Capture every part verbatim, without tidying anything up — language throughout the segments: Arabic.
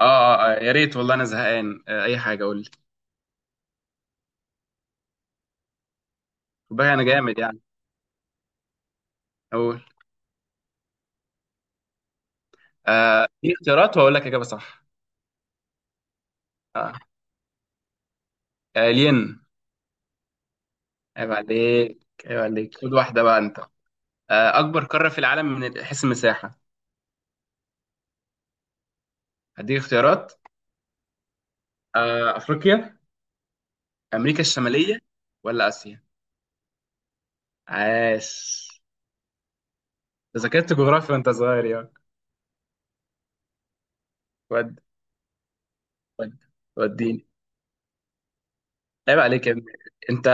اه آه، آه، يا ريت والله انا زهقان آه، اي حاجه قول لي. خد بالك انا جامد يعني. اقول. آه دي اختيارات واقول لك اجابه صح. اه آه، الين. عيب عليك. عيب عليك خد واحده بقى انت. آه اكبر قاره في العالم من حيث المساحه؟ هديك اختيارات. آه افريقيا، امريكا الشماليه، ولا اسيا؟ عاش. أنت ذاكرت جغرافيا وانت صغير يا. ود ود وديني. عيب عليك يا ابني. انت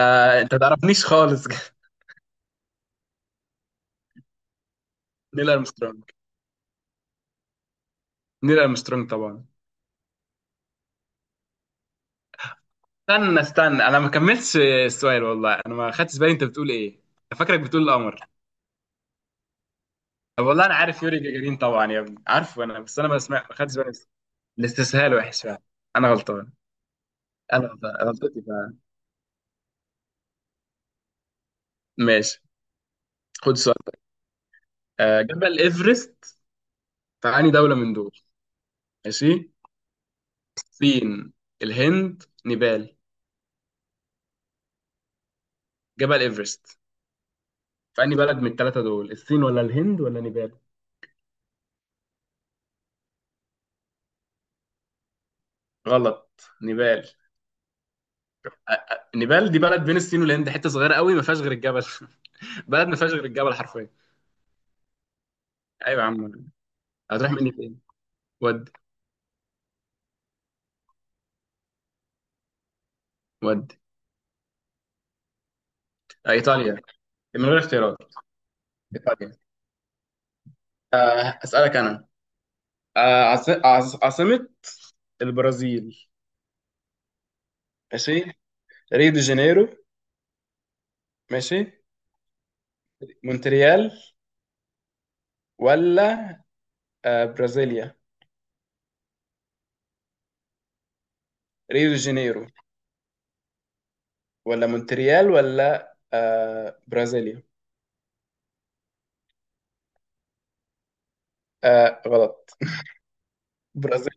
انت تعرفنيش خالص نيل ارمسترونج. نيل ارمسترونج طبعا. استنى استنى انا ما كملتش السؤال، والله انا ما خدتش بالي انت بتقول ايه. انا فاكرك بتقول القمر. طب والله انا عارف يوري جاجارين طبعا يا ابني، عارفه انا، بس انا ما سمعت ما خدتش بالي. الاستسهال وحش فعلا. انا غلطان. انا غلطان غلطتي فعلا. ماشي. خد سؤال. آه، جبل ايفرست في انهي دولة من دول؟ ماشي. الصين، الهند، نيبال. جبل ايفرست في انهي بلد من الثلاثة دول، الصين ولا الهند ولا نيبال؟ غلط نيبال. آه، آه، نيبال دي بلد بين الصين والهند، حتة صغيرة قوي ما فيهاش غير الجبل بلد ما فيهاش غير الجبل حرفيا. ايوه يا عم. هتروح مني فين؟ ودي. ودي. آه، ايطاليا. من غير اختيارات. ايطاليا. آه، اسالك انا. آه، عاص- عاص- عاصمة البرازيل. ماشي. ريو دي جانيرو. ماشي. مونتريال، ولا آه، برازيليا. ريو دي جانيرو ولا مونتريال ولا آه، برازيليا. آه، غلط. برازيل.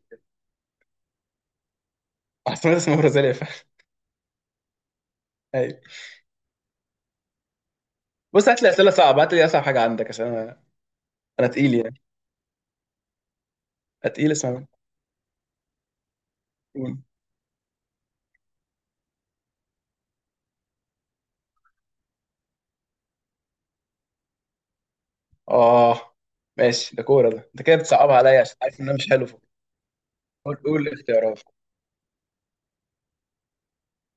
عاصمة اسمها برازيليا فعلا. ايوه. بص هات لي اسئله صعبه، هات لي اصعب حاجه عندك عشان انا. انا تقيل يعني. أنا تقيل اسمها. اه. ماشي ده كوره، ده انت كده بتصعبها عليا عشان عارف ان انا مش حلو في الكورة. قول قول اختيارات.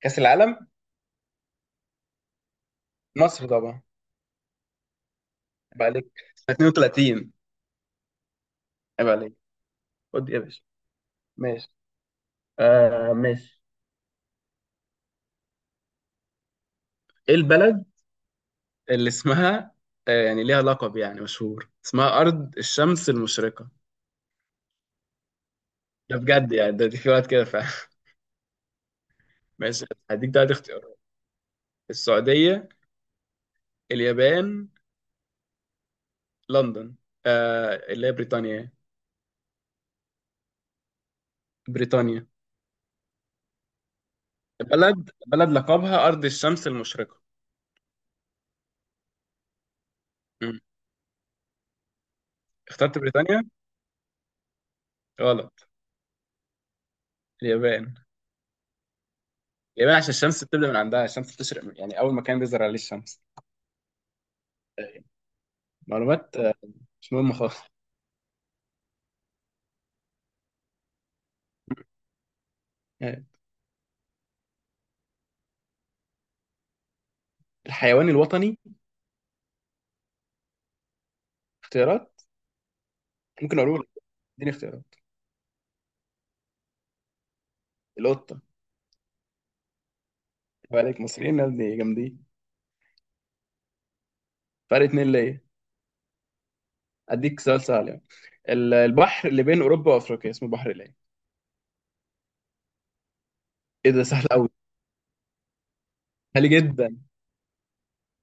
كاس العالم. مصر طبعا. عيب عليك. سنة اتنين وتلاتين. عيب عليك. خد يا باشا. ماشي. آه ماشي. ايه البلد اللي اسمها، آه يعني ليها لقب يعني مشهور، اسمها ارض الشمس المشرقه؟ ده بجد يعني، ده دي في وقت كده فعلا. ماشي هديك ده اختيارات. السعوديه، اليابان، لندن، آه اللي هي بريطانيا. بريطانيا. بلد بلد لقبها ارض الشمس المشرقه. اخترت بريطانيا. غلط. اليابان. اليابان عشان الشمس بتبدأ من عندها، الشمس بتشرق من يعني أول مكان بيظهر عليه الشمس. معلومات آه، مش مهمة خالص. يعني الحيوان الوطني. اختيارات. ممكن أقول لك. اديني اختيارات. القطة. يبقى عليك مصريين يا ابني جامدين. فرق اتنين ليا. أديك سؤال سهل يعني. ال- البحر اللي بين أوروبا وأفريقيا اسمه بحر إيه؟ إيه ده سهل أوي. سهل جدا.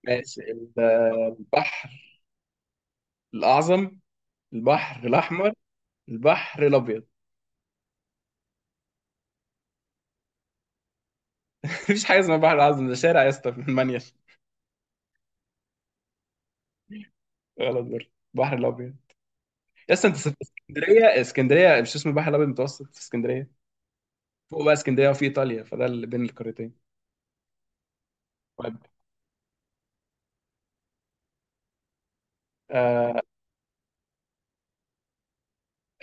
ماشي. البحر الأعظم، البحر الأحمر، البحر الأبيض. مفيش حاجة اسمها بحر الأعظم، ده شارع يا اسطى في المانيا. غلط برضه. البحر الأبيض. يس انت في اسكندريه، اسكندريه مش اسمه البحر الابيض المتوسط في اسكندريه؟ فوق بقى اسكندريه وفي ايطاليا، فده اللي بين القارتين. طيب. آه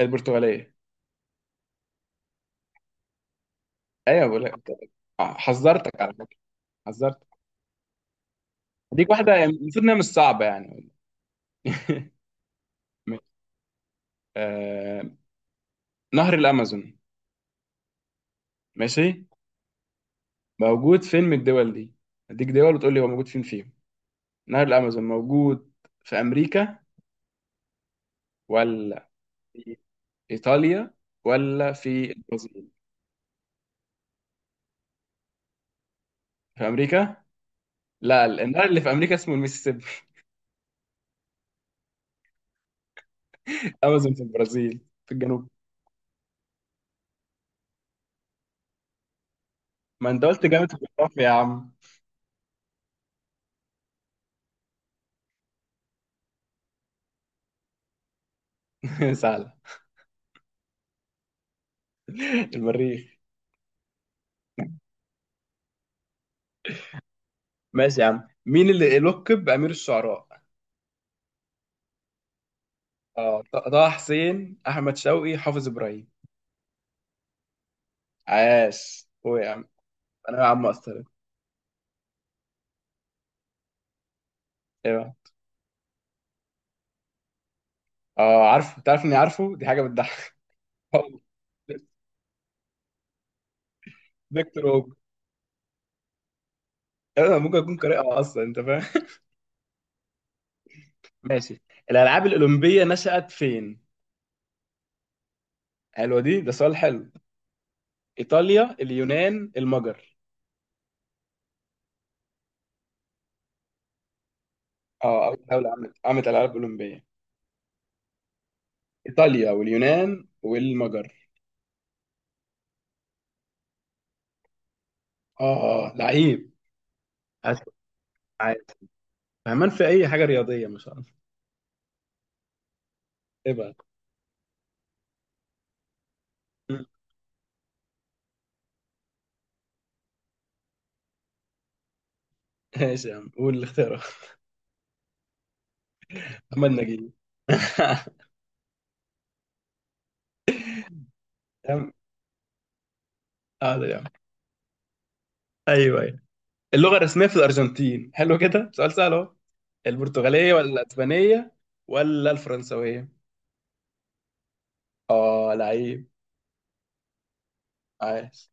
البرتغاليه. ايوه بقول لك. آه، حذرتك على فكره. حذرتك. ديك واحده يعني المفروض انها مش صعبه يعني. ماشي. آه نهر الامازون. ماشي. موجود فين من الدول دي؟ اديك دول وتقول لي هو موجود فين فيهم. نهر الامازون موجود في امريكا، ولا في ايطاليا، ولا في البرازيل؟ في امريكا. لا النهر اللي في امريكا اسمه الميسيسيبي. امازون في البرازيل، في الجنوب. ما انت قلت جامعة الجغرافيا يا عم. سهلة. المريخ. ماشي يا عم. مين اللي لقب بأمير الشعراء؟ اه ط- طه حسين، أحمد شوقي، حافظ إبراهيم. عاش هو يا عم. أنا يا عم أصلا. إيه بقى؟ اه عارفه، تعرف إني عارفه، دي حاجة بتضحك. فيكتور هوجو. أنا ممكن أكون قارئها أصلا أنت فاهم. ماشي. الألعاب الأولمبية نشأت فين؟ حلوة دي، ده سؤال حلو. إيطاليا، اليونان، المجر. اه أول دولة عملت عملت ألعاب أولمبية. ايطاليا واليونان والمجر. اه اه لعيب. أسود، عادي. فهمان في اي حاجه رياضيه ما شاء الله. ايه بقى مم. ماشي يا عم قول الاختيارات. محمد نجيب. تمام. حاضر يا عم. ايوه ايوه. اللغه الرسميه في الارجنتين، حلو كده سؤال سهل اهو. البرتغاليه ولا الاسبانيه ولا الفرنسويه؟ اه لعيب. عاش.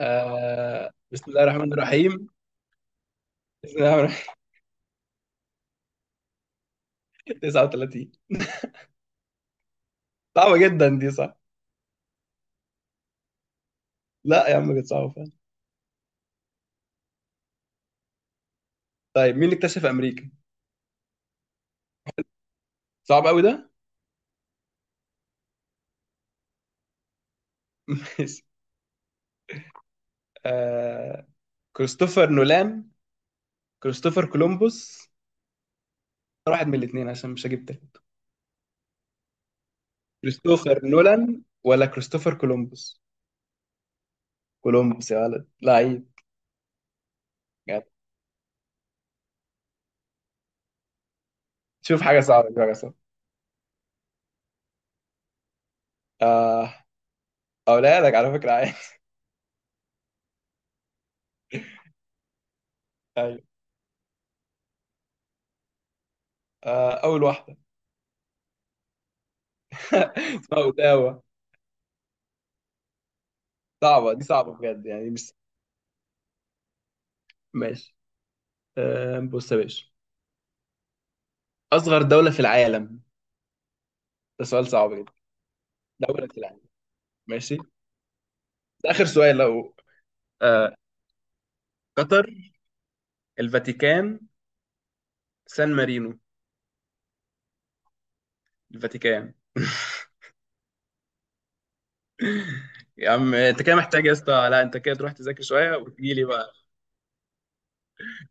آه بسم الله الرحمن الرحيم. بسم الله الرحمن الرحيم تسعة وتلاتين صعبه جدا دي صح. لا يا عم كانت صعبه فعلا. طيب مين اللي اكتشف امريكا. صعب قوي ده. ماشي. آه... كريستوفر نولان، كريستوفر كولومبوس. واحد من الاثنين عشان مش هجيب تالت. كريستوفر نولان ولا كريستوفر كولومبوس؟ كولومبوس يا ولد لعيب. جدع. شوف حاجة صعبة، شوف حاجة صعبة. آه... أقولها لك على فكرة عادي أيوة. آه... أول واحدة اسمها أوتاوا. صعبة دي صعبة بجد يعني، مش ماشي. آه... بص يا باشا، أصغر دولة في العالم. ده سؤال صعب جدا. دولة في العالم. ماشي ده آخر سؤال لو. آه... قطر، الفاتيكان، سان مارينو. الفاتيكان يا عم انت كده محتاج يا اسطى، لا انت كده تروح تذاكر شويه وتجي لي بقى.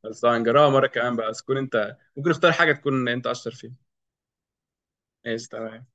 بس هنجربها مره كمان بقى، بس تكون انت ممكن اختار حاجه تكون انت اشطر فيها. ماشي تمام.